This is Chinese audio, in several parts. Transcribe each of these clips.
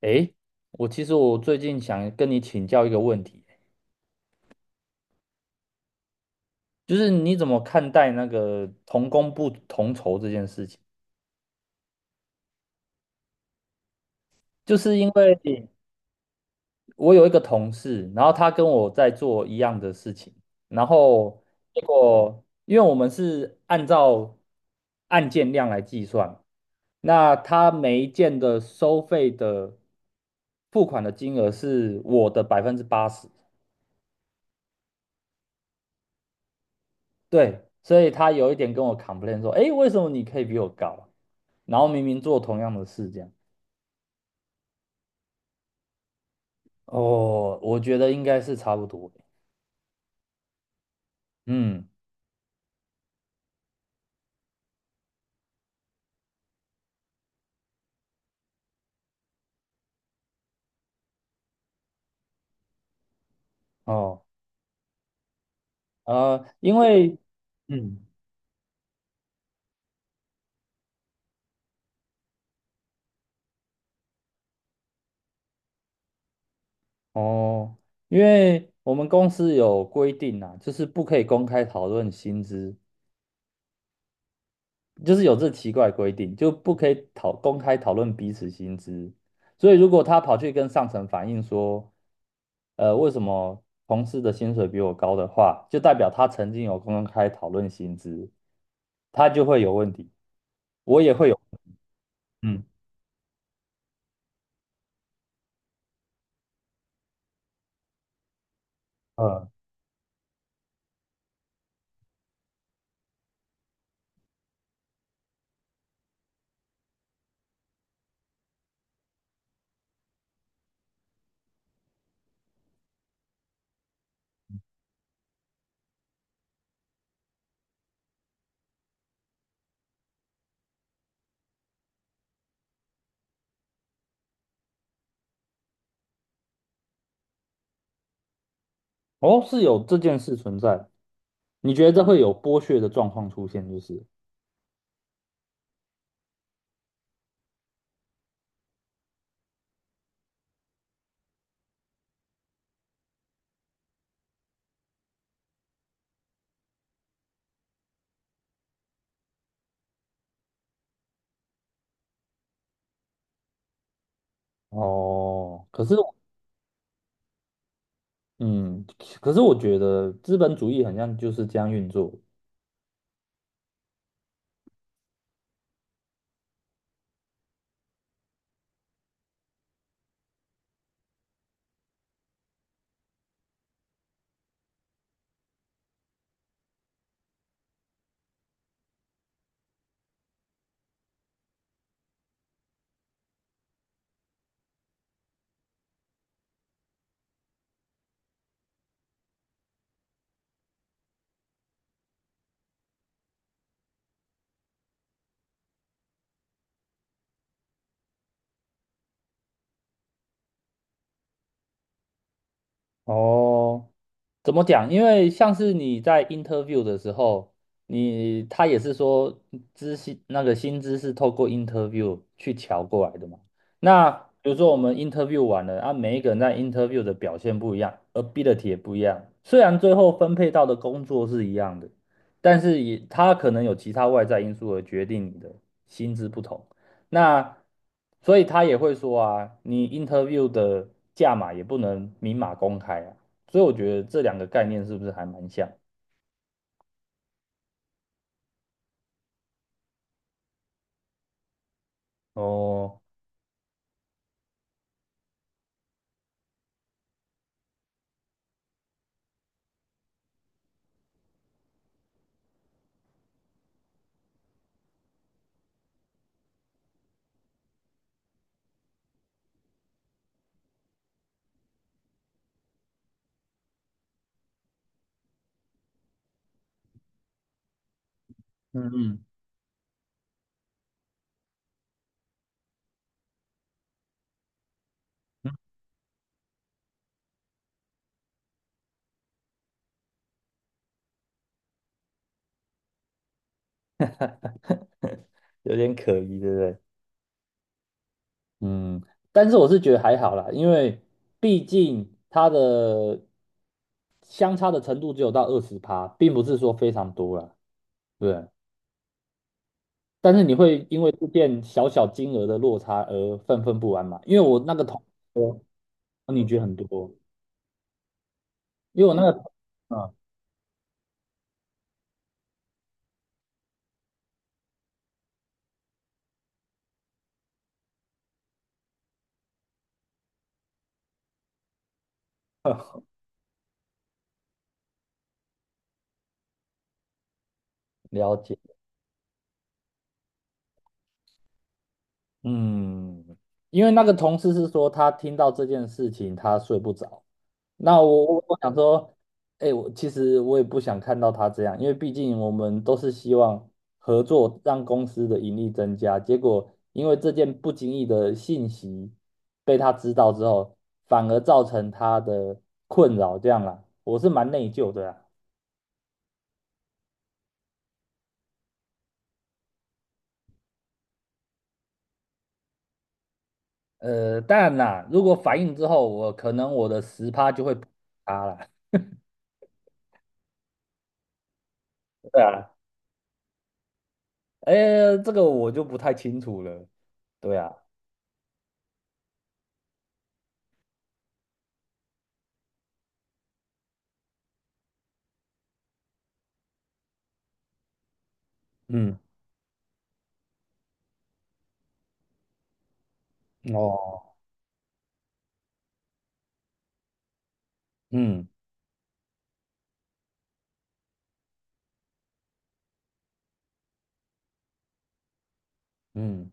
诶，其实我最近想跟你请教一个问题，就是你怎么看待那个同工不同酬这件事情？就是因为我有一个同事，然后他跟我在做一样的事情，然后结果因为我们是按照案件量来计算，那他每一件的收费的付款的金额是我的80%。对，所以他有一点跟我 complain 说，诶，为什么你可以比我高啊，然后明明做同样的事，这样。哦，我觉得应该是差不多。嗯。哦。呃，因为，嗯。哦。因为我们公司有规定啊，就是不可以公开讨论薪资，就是有这奇怪规定，就不可以公开讨论彼此薪资。所以如果他跑去跟上层反映说，为什么同事的薪水比我高的话，就代表他曾经有公开讨论薪资，他就会有问题，我也会有。嗯。呃，哦，是有这件事存在，你觉得这会有剥削的状况出现，就是。哦。可是。嗯。可是我觉得资本主义好像就是这样运作。哦，怎么讲？因为像是你在 interview 的时候，他也是说那个薪资是透过 interview 去调过来的嘛。那比如说我们 interview 完了，啊，每一个人在 interview 的表现不一样，ability 也不一样。虽然最后分配到的工作是一样的，但是他可能有其他外在因素而决定你的薪资不同。那所以他也会说啊，你 interview 的价码也不能明码公开啊。所以我觉得这两个概念是不是还蛮像？哦。嗯嗯。有点可疑，对不对？嗯，但是我是觉得还好啦，因为毕竟它的相差的程度只有到20%，并不是说非常多啦，对不对？但是你会因为这件小小金额的落差而愤愤不安嘛？因为我那个同学说，哦，你觉得很多，因为我那个，嗯。了解。嗯。因为那个同事是说他听到这件事情他睡不着，那我想说，哎，其实我也不想看到他这样，因为毕竟我们都是希望合作让公司的盈利增加，结果因为这件不经意的信息被他知道之后，反而造成他的困扰，这样啦，我是蛮内疚的啊。当然啦，如果反应之后，我可能我的十趴就会补他啦。对啊。哎，这个我就不太清楚了。对啊。嗯。哦。嗯嗯。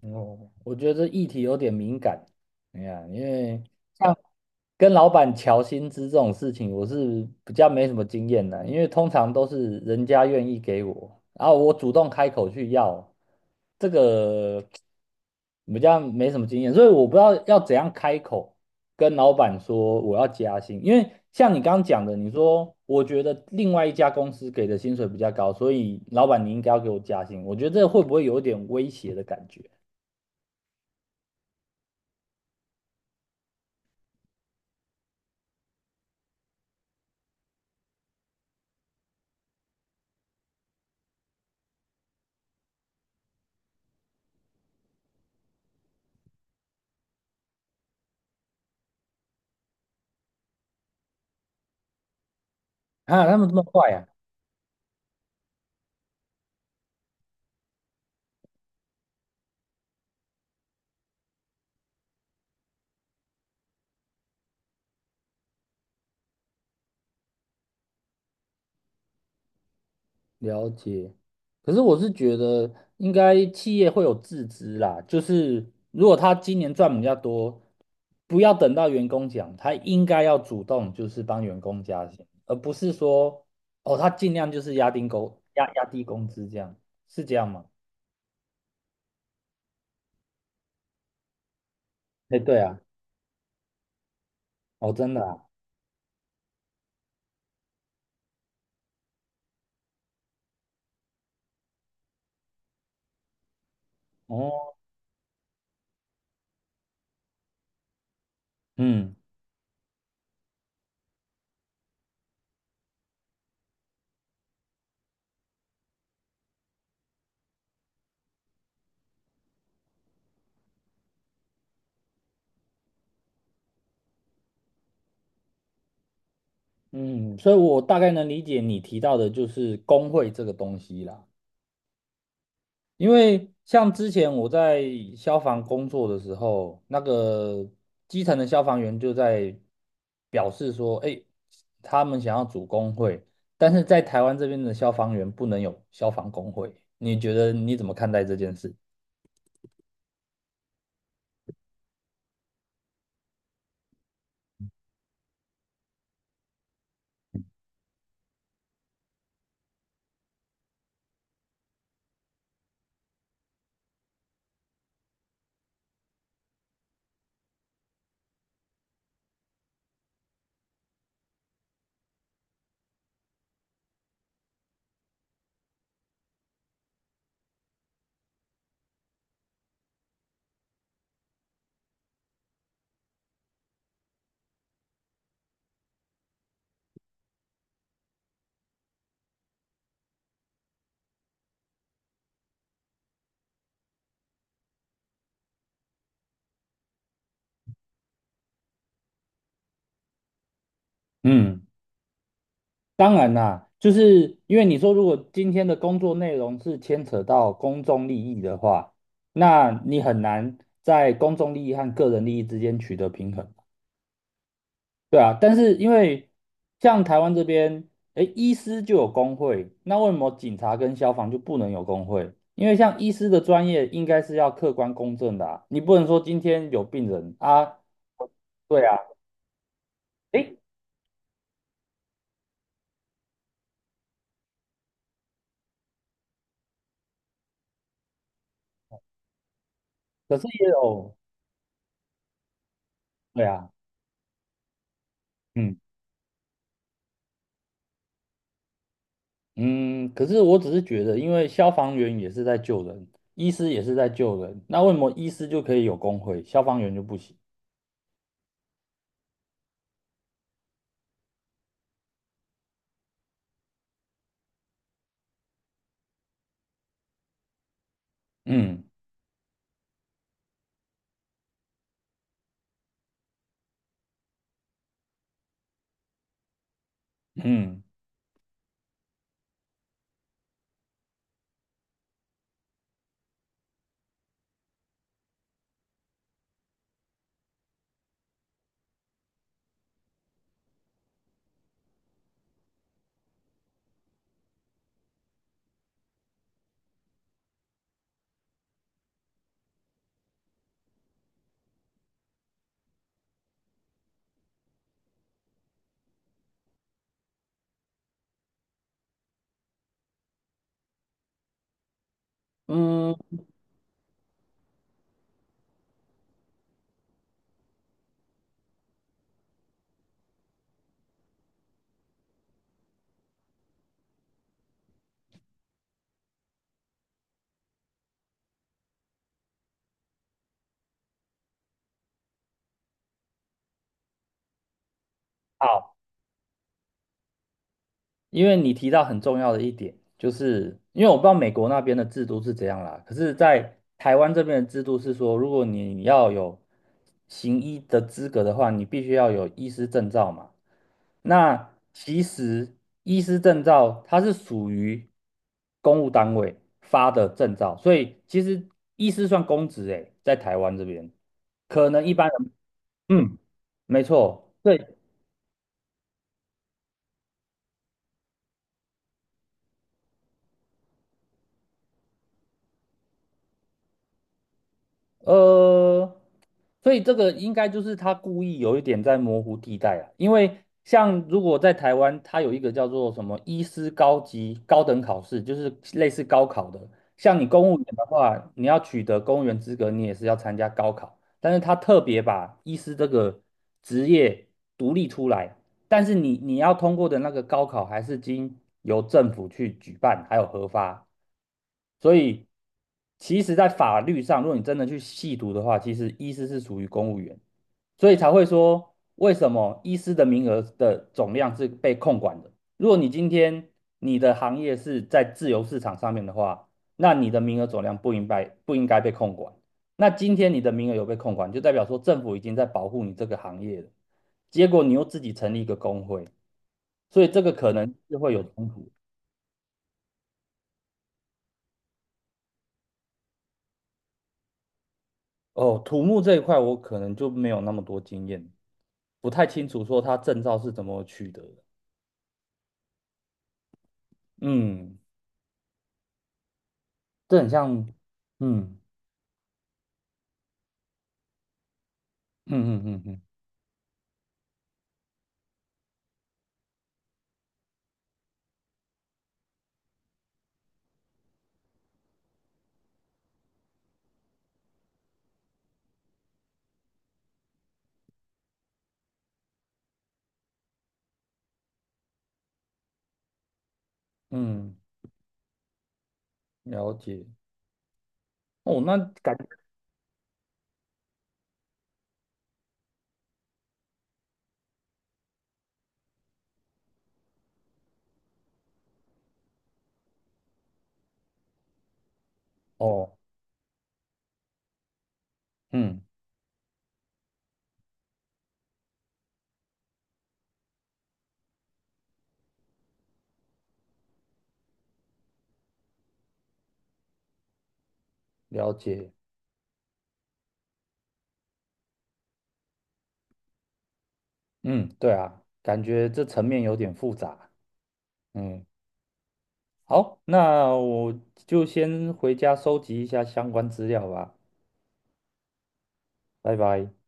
哦，我觉得这议题有点敏感。哎呀，因为像跟老板调薪资这种事情，我是比较没什么经验的，因为通常都是人家愿意给我，然后我主动开口去要，这个比较没什么经验，所以我不知道要怎样开口跟老板说我要加薪，因为像你刚刚讲的，你说我觉得另外一家公司给的薪水比较高，所以老板你应该要给我加薪，我觉得这会不会有一点威胁的感觉啊？他们这么坏啊！了解。可是我是觉得应该企业会有自知啦，就是如果他今年赚比较多，不要等到员工讲，他应该要主动就是帮员工加薪，而不是说哦他尽量就是压低工资这样，是这样吗？哎，对啊。哦真的啊。哦。嗯嗯。所以我大概能理解你提到的就是工会这个东西啦。因为像之前我在消防工作的时候，那个基层的消防员就在表示说，哎，他们想要组工会，但是在台湾这边的消防员不能有消防工会。你觉得你怎么看待这件事？嗯，当然啦，就是因为你说如果今天的工作内容是牵扯到公众利益的话，那你很难在公众利益和个人利益之间取得平衡。对啊，但是因为像台湾这边，诶，医师就有工会，那为什么警察跟消防就不能有工会？因为像医师的专业应该是要客观公正的啊，你不能说今天有病人啊，对啊，诶，可是也有，对啊。嗯嗯。可是我只是觉得，因为消防员也是在救人，医师也是在救人，那为什么医师就可以有工会，消防员就不行？嗯嗯嗯。好。因为你提到很重要的一点，就是因为我不知道美国那边的制度是怎样啦，可是，在台湾这边的制度是说，如果你要有行医的资格的话，你必须要有医师证照嘛。那其实医师证照它是属于公务单位发的证照，所以其实医师算公职诶，在台湾这边，可能一般人，嗯。没错。对。呃，所以这个应该就是他故意有一点在模糊地带啊，因为像如果在台湾，它有一个叫做什么医师高等考试，就是类似高考的。像你公务员的话，你要取得公务员资格，你也是要参加高考，但是他特别把医师这个职业独立出来，但是你要通过的那个高考还是经由政府去举办，还有核发。所以，其实，在法律上，如果你真的去细读的话，其实医师是属于公务员，所以才会说为什么医师的名额的总量是被控管的。如果你今天你的行业是在自由市场上面的话，那你的名额总量不应该被控管。那今天你的名额有被控管，就代表说政府已经在保护你这个行业了。结果你又自己成立一个工会，所以这个可能就会有冲突。哦，土木这一块我可能就没有那么多经验，不太清楚说它证照是怎么取得的。嗯，这很像。嗯嗯嗯嗯嗯嗯。了解。哦，那感哦。嗯。了解。嗯，对啊，感觉这层面有点复杂。嗯。好，那我就先回家收集一下相关资料吧。拜拜。